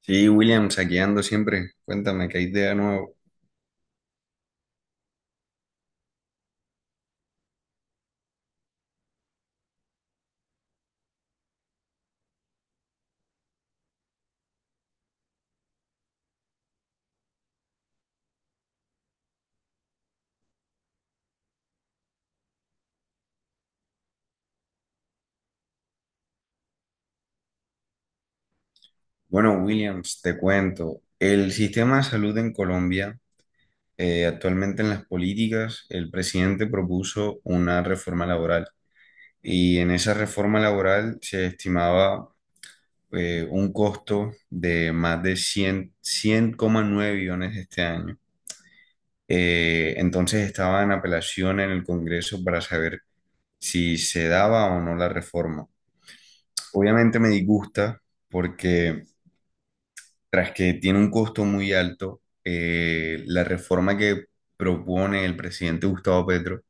Sí, Williams, aquí ando siempre. Cuéntame, ¿qué hay de nuevo? Bueno, Williams, te cuento. El sistema de salud en Colombia, actualmente en las políticas, el presidente propuso una reforma laboral y en esa reforma laboral se estimaba un costo de más de cien coma nueve billones este año. Entonces estaba en apelación en el Congreso para saber si se daba o no la reforma. Obviamente me disgusta porque tras que tiene un costo muy alto, la reforma que propone el presidente Gustavo Petro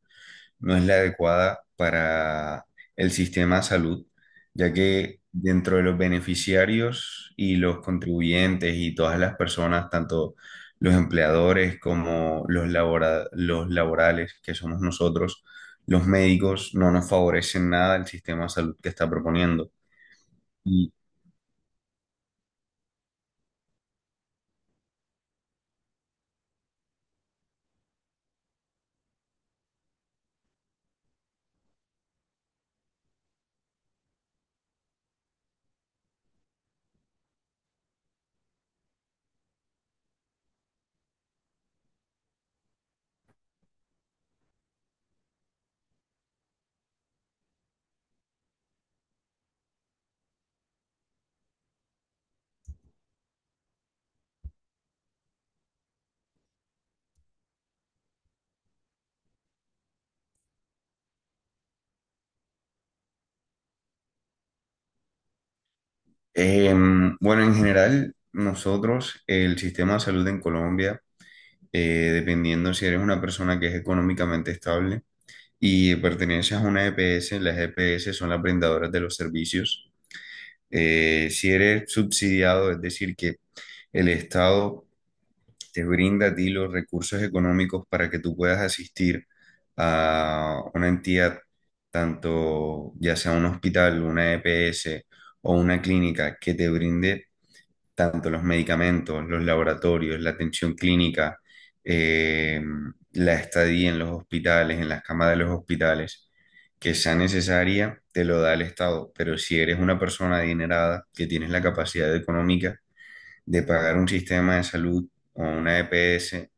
no es la adecuada para el sistema de salud, ya que dentro de los beneficiarios y los contribuyentes y todas las personas, tanto los empleadores como los los laborales, que somos nosotros, los médicos, no nos favorecen nada el sistema de salud que está proponiendo. Eh, bueno, en general, nosotros, el sistema de salud en Colombia, dependiendo si eres una persona que es económicamente estable y perteneces a una EPS, las EPS son las brindadoras de los servicios. Si eres subsidiado, es decir, que el Estado te brinda a ti los recursos económicos para que tú puedas asistir a una entidad, tanto ya sea un hospital, una EPS o una clínica que te brinde tanto los medicamentos, los laboratorios, la atención clínica, eh, la estadía en los hospitales, en las camas de los hospitales, que sea necesaria, te lo da el Estado. Pero si eres una persona adinerada, que tienes la capacidad económica, de pagar un sistema de salud o una EPS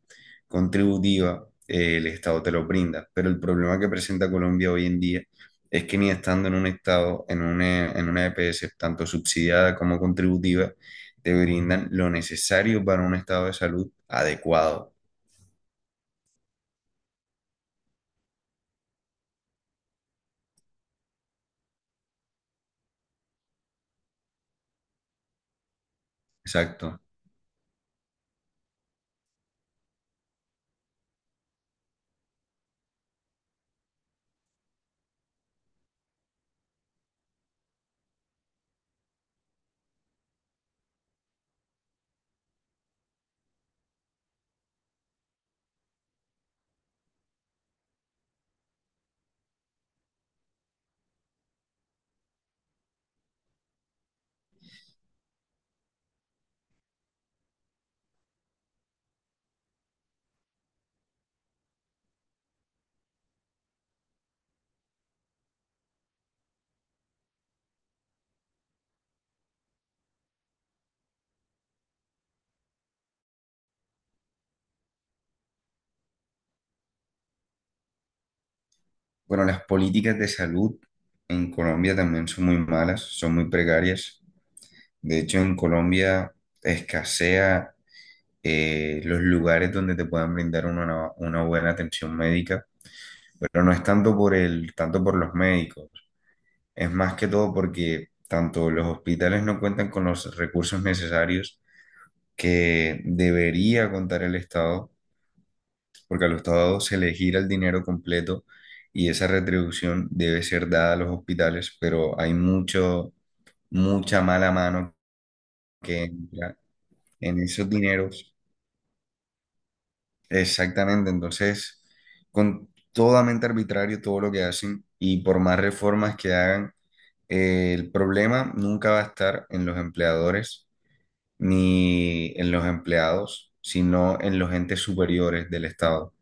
contributiva, el Estado te lo brinda. Pero el problema que presenta Colombia hoy en día es que ni estando en un Estado, en una EPS tanto subsidiada como contributiva, te brindan lo necesario para un estado de salud adecuado. Exacto. Bueno, las políticas de salud en Colombia también son muy malas, son muy precarias. De hecho, en Colombia escasea los lugares donde te puedan brindar una buena atención médica, pero no es tanto por los médicos, es más que todo porque tanto los hospitales no cuentan con los recursos necesarios que debería contar el Estado, porque al Estado se le gira el dinero completo y esa retribución debe ser dada a los hospitales, pero hay mucha mala mano que entra en esos dineros. Exactamente, entonces, con totalmente arbitrario todo lo que hacen y por más reformas que hagan, el problema nunca va a estar en los empleadores ni en los empleados, sino en los entes superiores del Estado.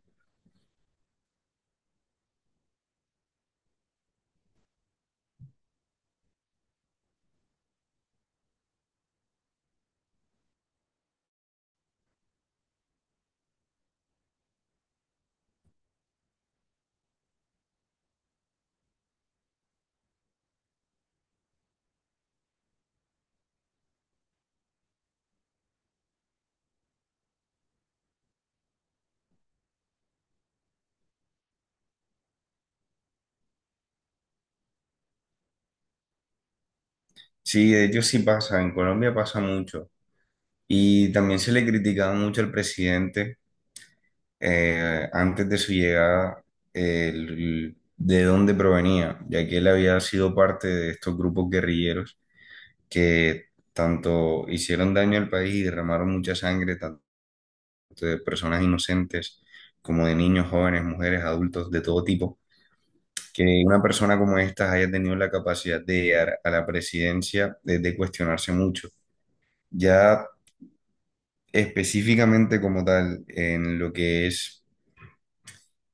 Sí, de hecho sí pasa, en Colombia pasa mucho y también se le criticaba mucho al presidente antes de su llegada el- de dónde provenía, ya que él había sido parte de estos grupos guerrilleros que tanto hicieron daño al país y derramaron mucha sangre, tanto de personas inocentes como de niños, jóvenes, mujeres, adultos, de todo tipo, que una persona como esta haya tenido la capacidad de llegar a la presidencia de cuestionarse mucho. Ya específicamente como tal, en lo que es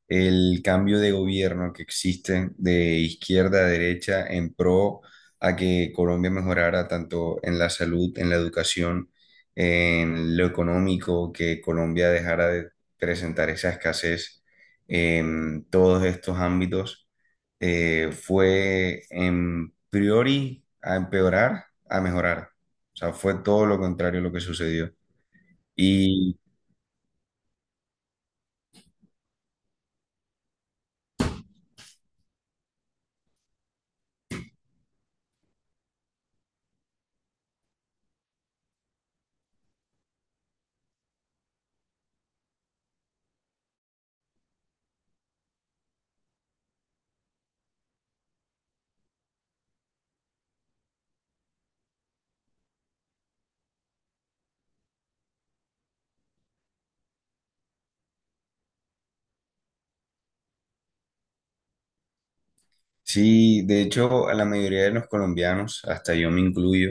el cambio de gobierno que existe de izquierda a derecha en pro a que Colombia mejorara tanto en la salud, en la educación, en lo económico, que Colombia dejara de presentar esa escasez en todos estos ámbitos, fue en priori a empeorar, a mejorar. O sea, fue todo lo contrario lo que sucedió. Y Sí, de hecho, a la mayoría de los colombianos, hasta yo me incluyo,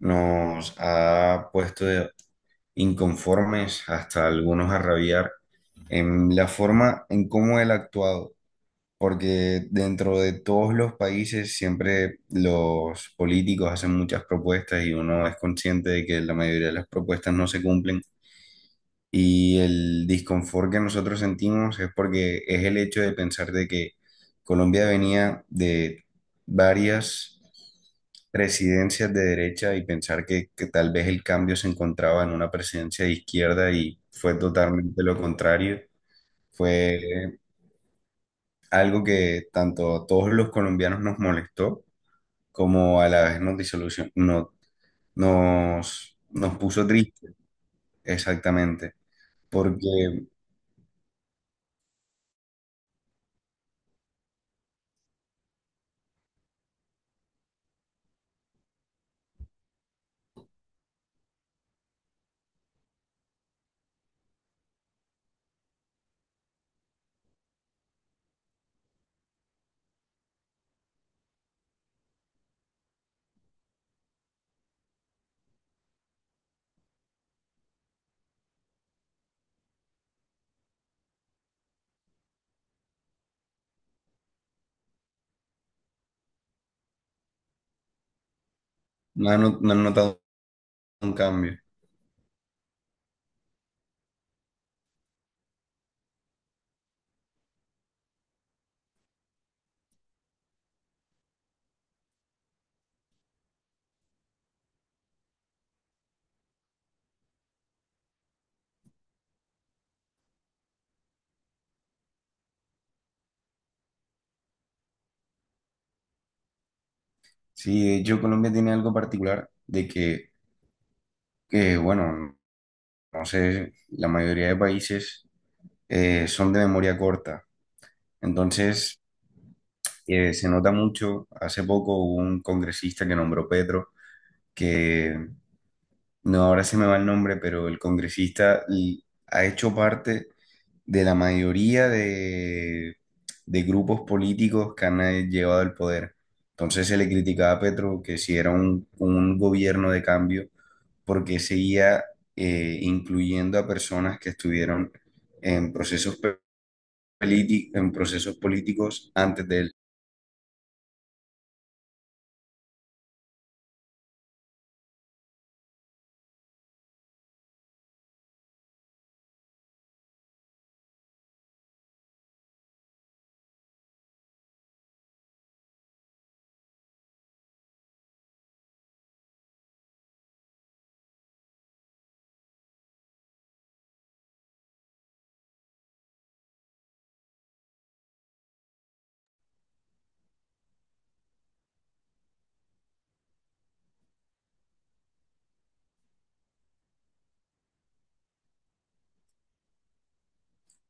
nos ha puesto de inconformes hasta algunos a rabiar en la forma en cómo él ha actuado, porque dentro de todos los países siempre los políticos hacen muchas propuestas y uno es consciente de que la mayoría de las propuestas no se cumplen y el disconfort que nosotros sentimos es porque es el hecho de pensar de que Colombia venía de varias presidencias de derecha y pensar que tal vez el cambio se encontraba en una presidencia de izquierda y fue totalmente lo contrario. Fue algo que tanto a todos los colombianos nos molestó como a la vez nos disolución, no, nos puso tristes, exactamente, porque no han notado un cambio. Sí, de hecho Colombia tiene algo particular de que, bueno, no sé, la mayoría de países son de memoria corta. Entonces, se nota mucho, hace poco hubo un congresista que nombró Petro. No, ahora se me va el nombre, pero el congresista y ha hecho parte de la mayoría de grupos políticos que han llevado el poder. Entonces se le criticaba a Petro que si era un gobierno de cambio, porque seguía incluyendo a personas que estuvieron en procesos, en procesos políticos antes de él.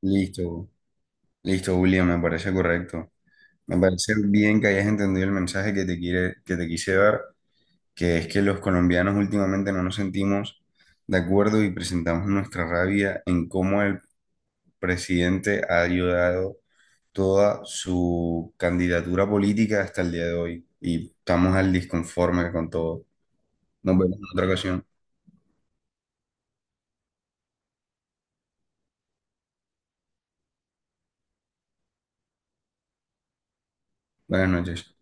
Listo, listo, William, me parece correcto. Me parece bien que hayas entendido el mensaje que te quise dar, que es que los colombianos últimamente no nos sentimos de acuerdo y presentamos nuestra rabia en cómo el presidente ha ayudado toda su candidatura política hasta el día de hoy y estamos al disconforme con todo. Nos vemos en otra ocasión. Buenas noches.